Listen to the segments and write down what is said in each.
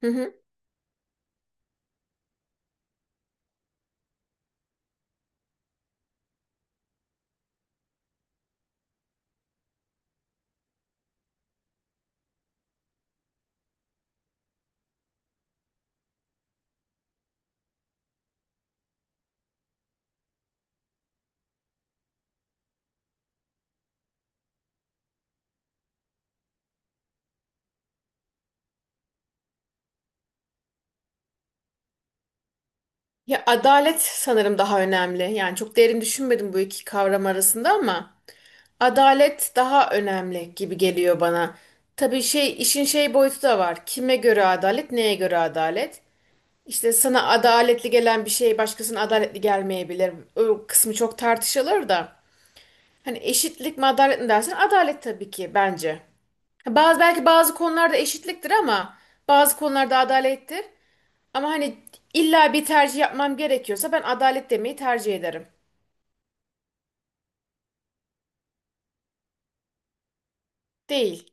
Hı hı. Ya adalet sanırım daha önemli. Yani çok derin düşünmedim bu iki kavram arasında ama adalet daha önemli gibi geliyor bana. Tabii şey işin şey boyutu da var. Kime göre adalet, neye göre adalet? İşte sana adaletli gelen bir şey başkasına adaletli gelmeyebilir. O kısmı çok tartışılır da. Hani eşitlik mi adalet mi dersen adalet tabii ki bence. Ha, bazı belki bazı konularda eşitliktir ama bazı konularda adalettir. Ama hani illa bir tercih yapmam gerekiyorsa ben adalet demeyi tercih ederim. Değil.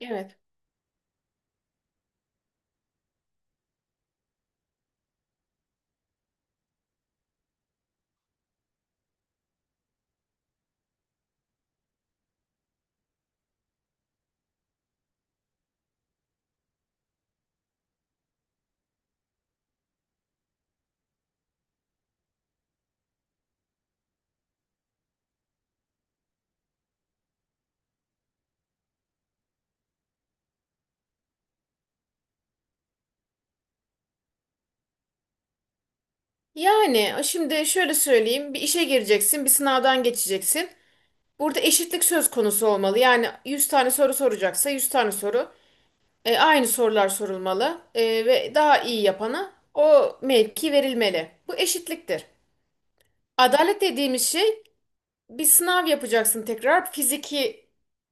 Evet. Yani şimdi şöyle söyleyeyim. Bir işe gireceksin, bir sınavdan geçeceksin. Burada eşitlik söz konusu olmalı. Yani 100 tane soru soracaksa 100 tane soru aynı sorular sorulmalı ve daha iyi yapana o mevki verilmeli. Bu eşitliktir. Adalet dediğimiz şey bir sınav yapacaksın tekrar. Fiziki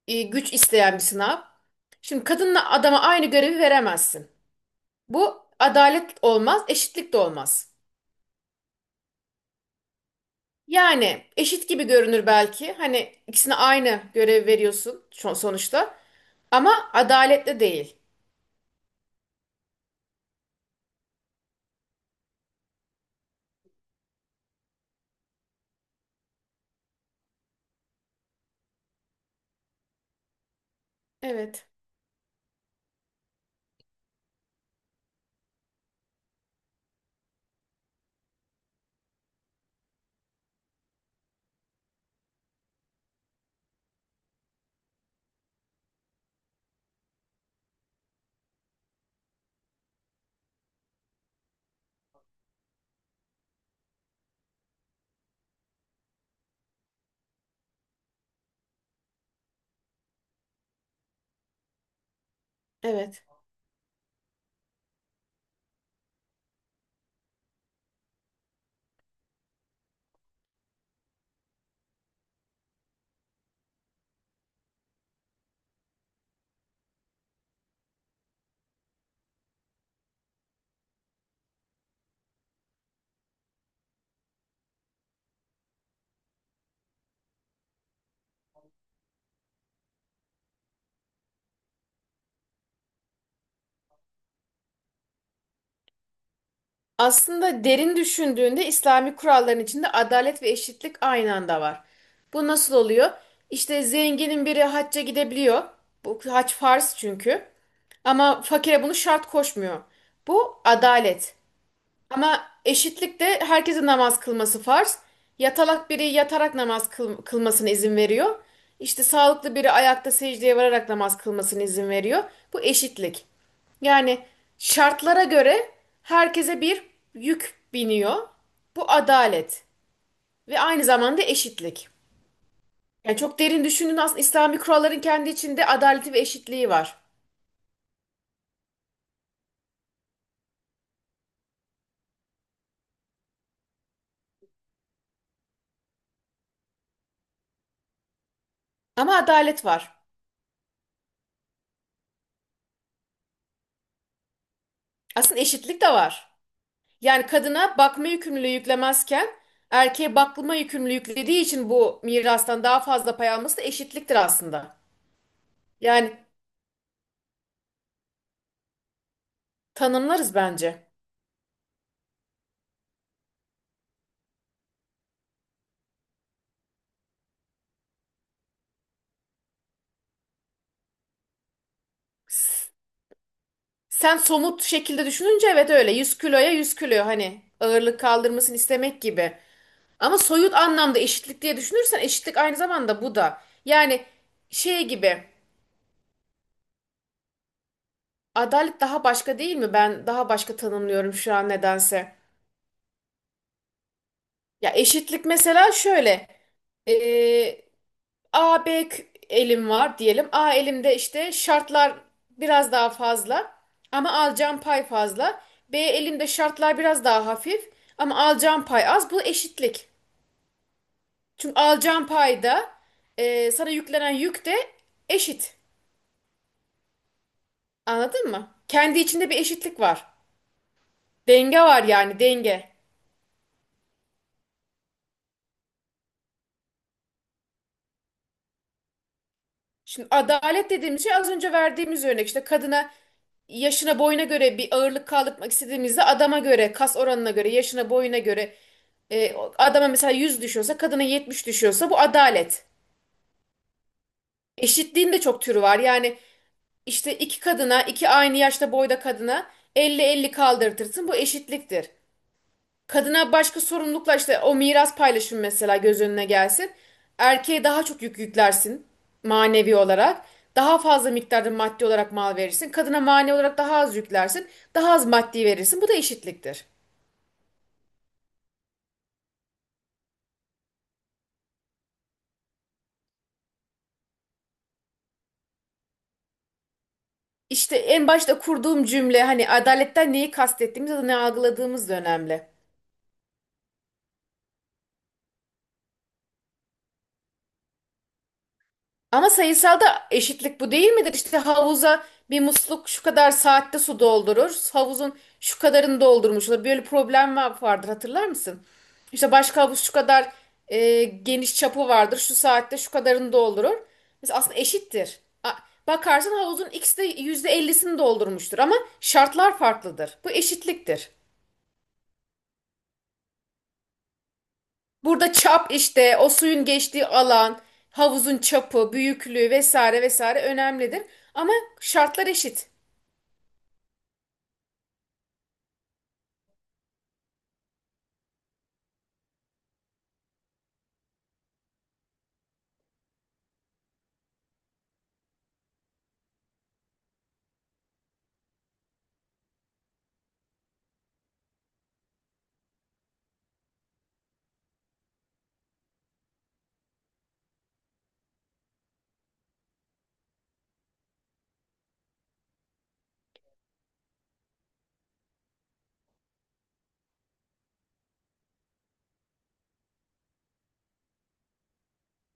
güç isteyen bir sınav. Şimdi kadınla adama aynı görevi veremezsin. Bu adalet olmaz, eşitlik de olmaz. Yani eşit gibi görünür belki. Hani ikisine aynı görev veriyorsun sonuçta. Ama adaletli değil. Evet, evet. Aslında derin düşündüğünde İslami kuralların içinde adalet ve eşitlik aynı anda var. Bu nasıl oluyor? İşte zenginin biri hacca gidebiliyor. Bu hac farz çünkü. Ama fakire bunu şart koşmuyor. Bu adalet. Ama eşitlikte herkesin namaz kılması farz. Yatalak biri yatarak namaz kılmasına izin veriyor. İşte sağlıklı biri ayakta secdeye vararak namaz kılmasına izin veriyor. Bu eşitlik. Yani şartlara göre herkese bir yük biniyor. Bu adalet ve aynı zamanda eşitlik. Yani çok derin düşündüğün aslında İslami kuralların kendi içinde adaleti ve eşitliği var. Ama adalet var. Aslında eşitlik de var. Yani kadına bakma yükümlülüğü yüklemezken erkeğe bakma yükümlülüğü yüklediği için bu mirastan daha fazla pay alması da eşitliktir aslında. Yani tanımlarız bence. S- Sen somut şekilde düşününce evet öyle. 100 kiloya 100 kilo hani ağırlık kaldırmasını istemek gibi. Ama soyut anlamda eşitlik diye düşünürsen eşitlik aynı zamanda bu da. Yani şey gibi adalet daha başka değil mi? Ben daha başka tanımlıyorum şu an nedense. Ya eşitlik mesela şöyle. Ee, A, B elim var diyelim. A elimde işte şartlar biraz daha fazla ama alacağım pay fazla. B elimde şartlar biraz daha hafif ama alacağım pay az. Bu eşitlik. Çünkü alacağım payda sana yüklenen yük de eşit. Anladın mı? Kendi içinde bir eşitlik var. Denge var yani denge. Şimdi adalet dediğimiz şey az önce verdiğimiz örnek işte kadına yaşına boyuna göre bir ağırlık kaldırmak istediğimizde adama göre kas oranına göre yaşına boyuna göre adama mesela 100 düşüyorsa kadına 70 düşüyorsa bu adalet. Eşitliğin de çok türü var. Yani işte iki kadına iki aynı yaşta boyda kadına 50, 50 kaldırtırsın bu eşitliktir. Kadına başka sorumlulukla işte o miras paylaşımı mesela göz önüne gelsin. Erkeğe daha çok yük yüklersin manevi olarak. Daha fazla miktarda maddi olarak mal verirsin. Kadına manevi olarak daha az yüklersin. Daha az maddi verirsin. Bu da eşitliktir. İşte en başta kurduğum cümle hani adaletten neyi kastettiğimiz ya da ne algıladığımız da önemli. Ama sayısalda eşitlik bu değil midir? İşte havuza bir musluk şu kadar saatte su doldurur. Havuzun şu kadarını doldurmuş olur. Böyle problem vardır hatırlar mısın? İşte başka havuz şu kadar geniş çapı vardır. Şu saatte şu kadarını doldurur. Mesela aslında eşittir. Bakarsın havuzun ikisi de %50'sini doldurmuştur ama şartlar farklıdır. Bu eşitliktir. Burada çap işte o suyun geçtiği alan, havuzun çapı, büyüklüğü vesaire vesaire önemlidir. Ama şartlar eşit.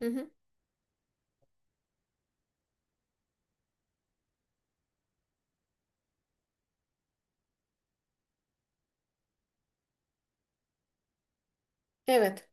Hı hı. Evet.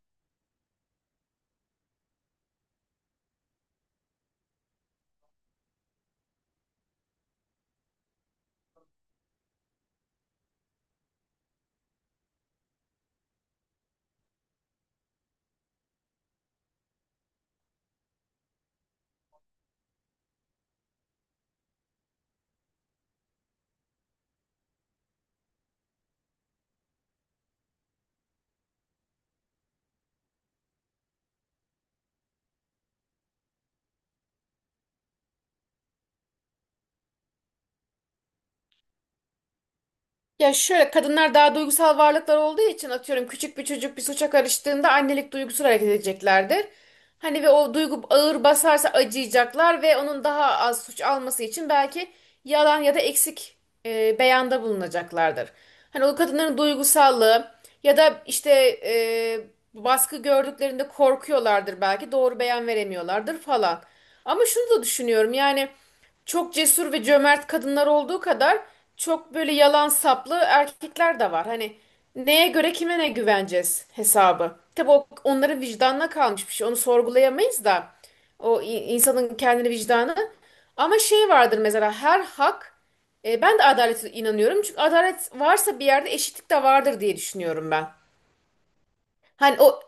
Ya şöyle kadınlar daha duygusal varlıklar olduğu için atıyorum küçük bir çocuk bir suça karıştığında annelik duygusuyla hareket edeceklerdir. Hani ve o duygu ağır basarsa acıyacaklar ve onun daha az suç alması için belki yalan ya da eksik beyanda bulunacaklardır. Hani o kadınların duygusallığı ya da işte e, baskı gördüklerinde korkuyorlardır belki doğru beyan veremiyorlardır falan. Ama şunu da düşünüyorum yani. Çok cesur ve cömert kadınlar olduğu kadar çok böyle yalan saplı erkekler de var. Hani neye göre kime ne güveneceğiz hesabı. Tabii o onların vicdanına kalmış bir şey. Onu sorgulayamayız da o insanın kendini vicdanı. Ama şey vardır mesela her hak ben de adalete inanıyorum. Çünkü adalet varsa bir yerde eşitlik de vardır diye düşünüyorum ben. Hani o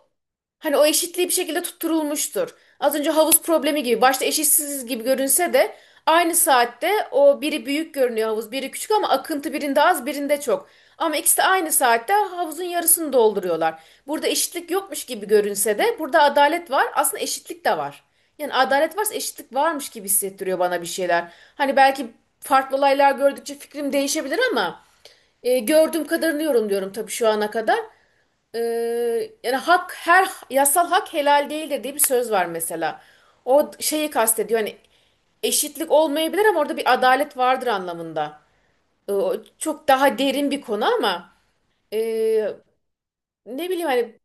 Hani o eşitliği bir şekilde tutturulmuştur. Az önce havuz problemi gibi başta eşitsiz gibi görünse de aynı saatte o biri büyük görünüyor havuz, biri küçük ama akıntı birinde az, birinde çok. Ama ikisi de aynı saatte havuzun yarısını dolduruyorlar. Burada eşitlik yokmuş gibi görünse de burada adalet var. Aslında eşitlik de var. Yani adalet varsa eşitlik varmış gibi hissettiriyor bana bir şeyler. Hani belki farklı olaylar gördükçe fikrim değişebilir ama gördüğüm kadarını yorumluyorum tabii şu ana kadar. Yani hak her yasal hak helal değildir diye bir söz var mesela. O şeyi kastediyor hani eşitlik olmayabilir ama orada bir adalet vardır anlamında. O çok daha derin bir konu ama ee, ne bileyim hani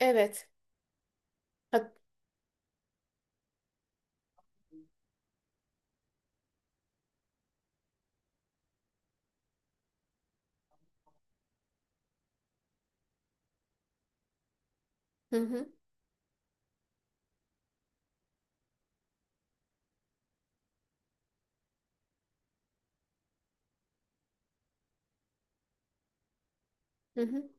evet. Ha- Hı hı, hı hı.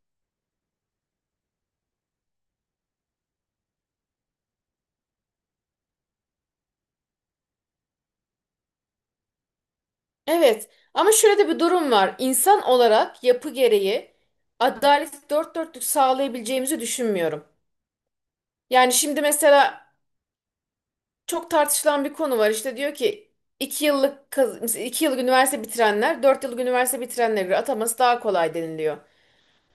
Evet ama şöyle de bir durum var. İnsan olarak yapı gereği adaleti dört dörtlük sağlayabileceğimizi düşünmüyorum. Yani şimdi mesela çok tartışılan bir konu var. İşte diyor ki iki yıllık mesela iki yıllık üniversite bitirenler dört yıllık üniversite bitirenlere göre ataması daha kolay deniliyor.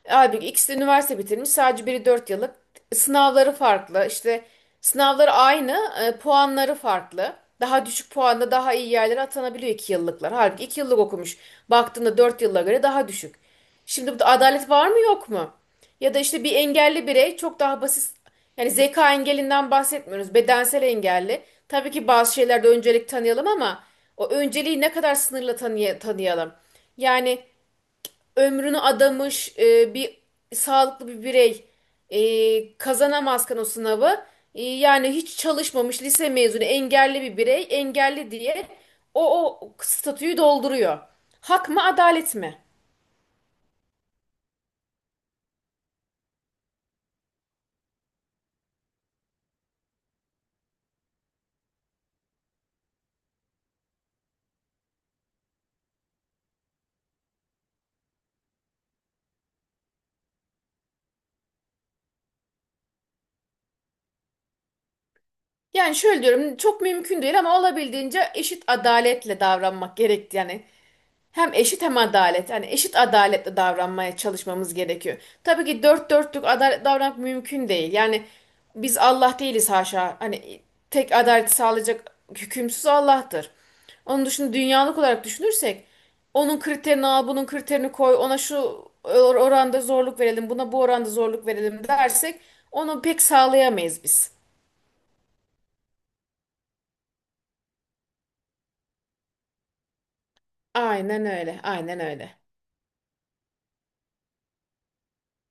Abi ikisi de üniversite bitirmiş. Sadece biri 4 yıllık. Sınavları farklı. İşte sınavları aynı, puanları farklı. Daha düşük puanla daha iyi yerlere atanabiliyor 2 yıllıklar. Halbuki 2 yıllık okumuş. Baktığında 4 yıla göre daha düşük. Şimdi burada adalet var mı yok mu? Ya da işte bir engelli birey çok daha basit yani zeka engelinden bahsetmiyoruz. Bedensel engelli. Tabii ki bazı şeylerde öncelik tanıyalım ama o önceliği ne kadar sınırla tanıyalım. Yani ömrünü adamış bir sağlıklı bir birey kazanamazken o sınavı yani hiç çalışmamış lise mezunu engelli bir birey engelli diye o statüyü dolduruyor. Hak mı adalet mi? Yani şöyle diyorum çok mümkün değil ama olabildiğince eşit adaletle davranmak gerekti yani. Hem eşit hem adalet. Yani eşit adaletle davranmaya çalışmamız gerekiyor. Tabii ki dört dörtlük adalet davranmak mümkün değil. Yani biz Allah değiliz haşa. Hani tek adaleti sağlayacak hükümsüz Allah'tır. Onun dışında dünyalık olarak düşünürsek onun kriterini al, bunun kriterini koy, ona şu oranda zorluk verelim, buna bu oranda zorluk verelim dersek onu pek sağlayamayız biz. Aynen öyle, aynen öyle.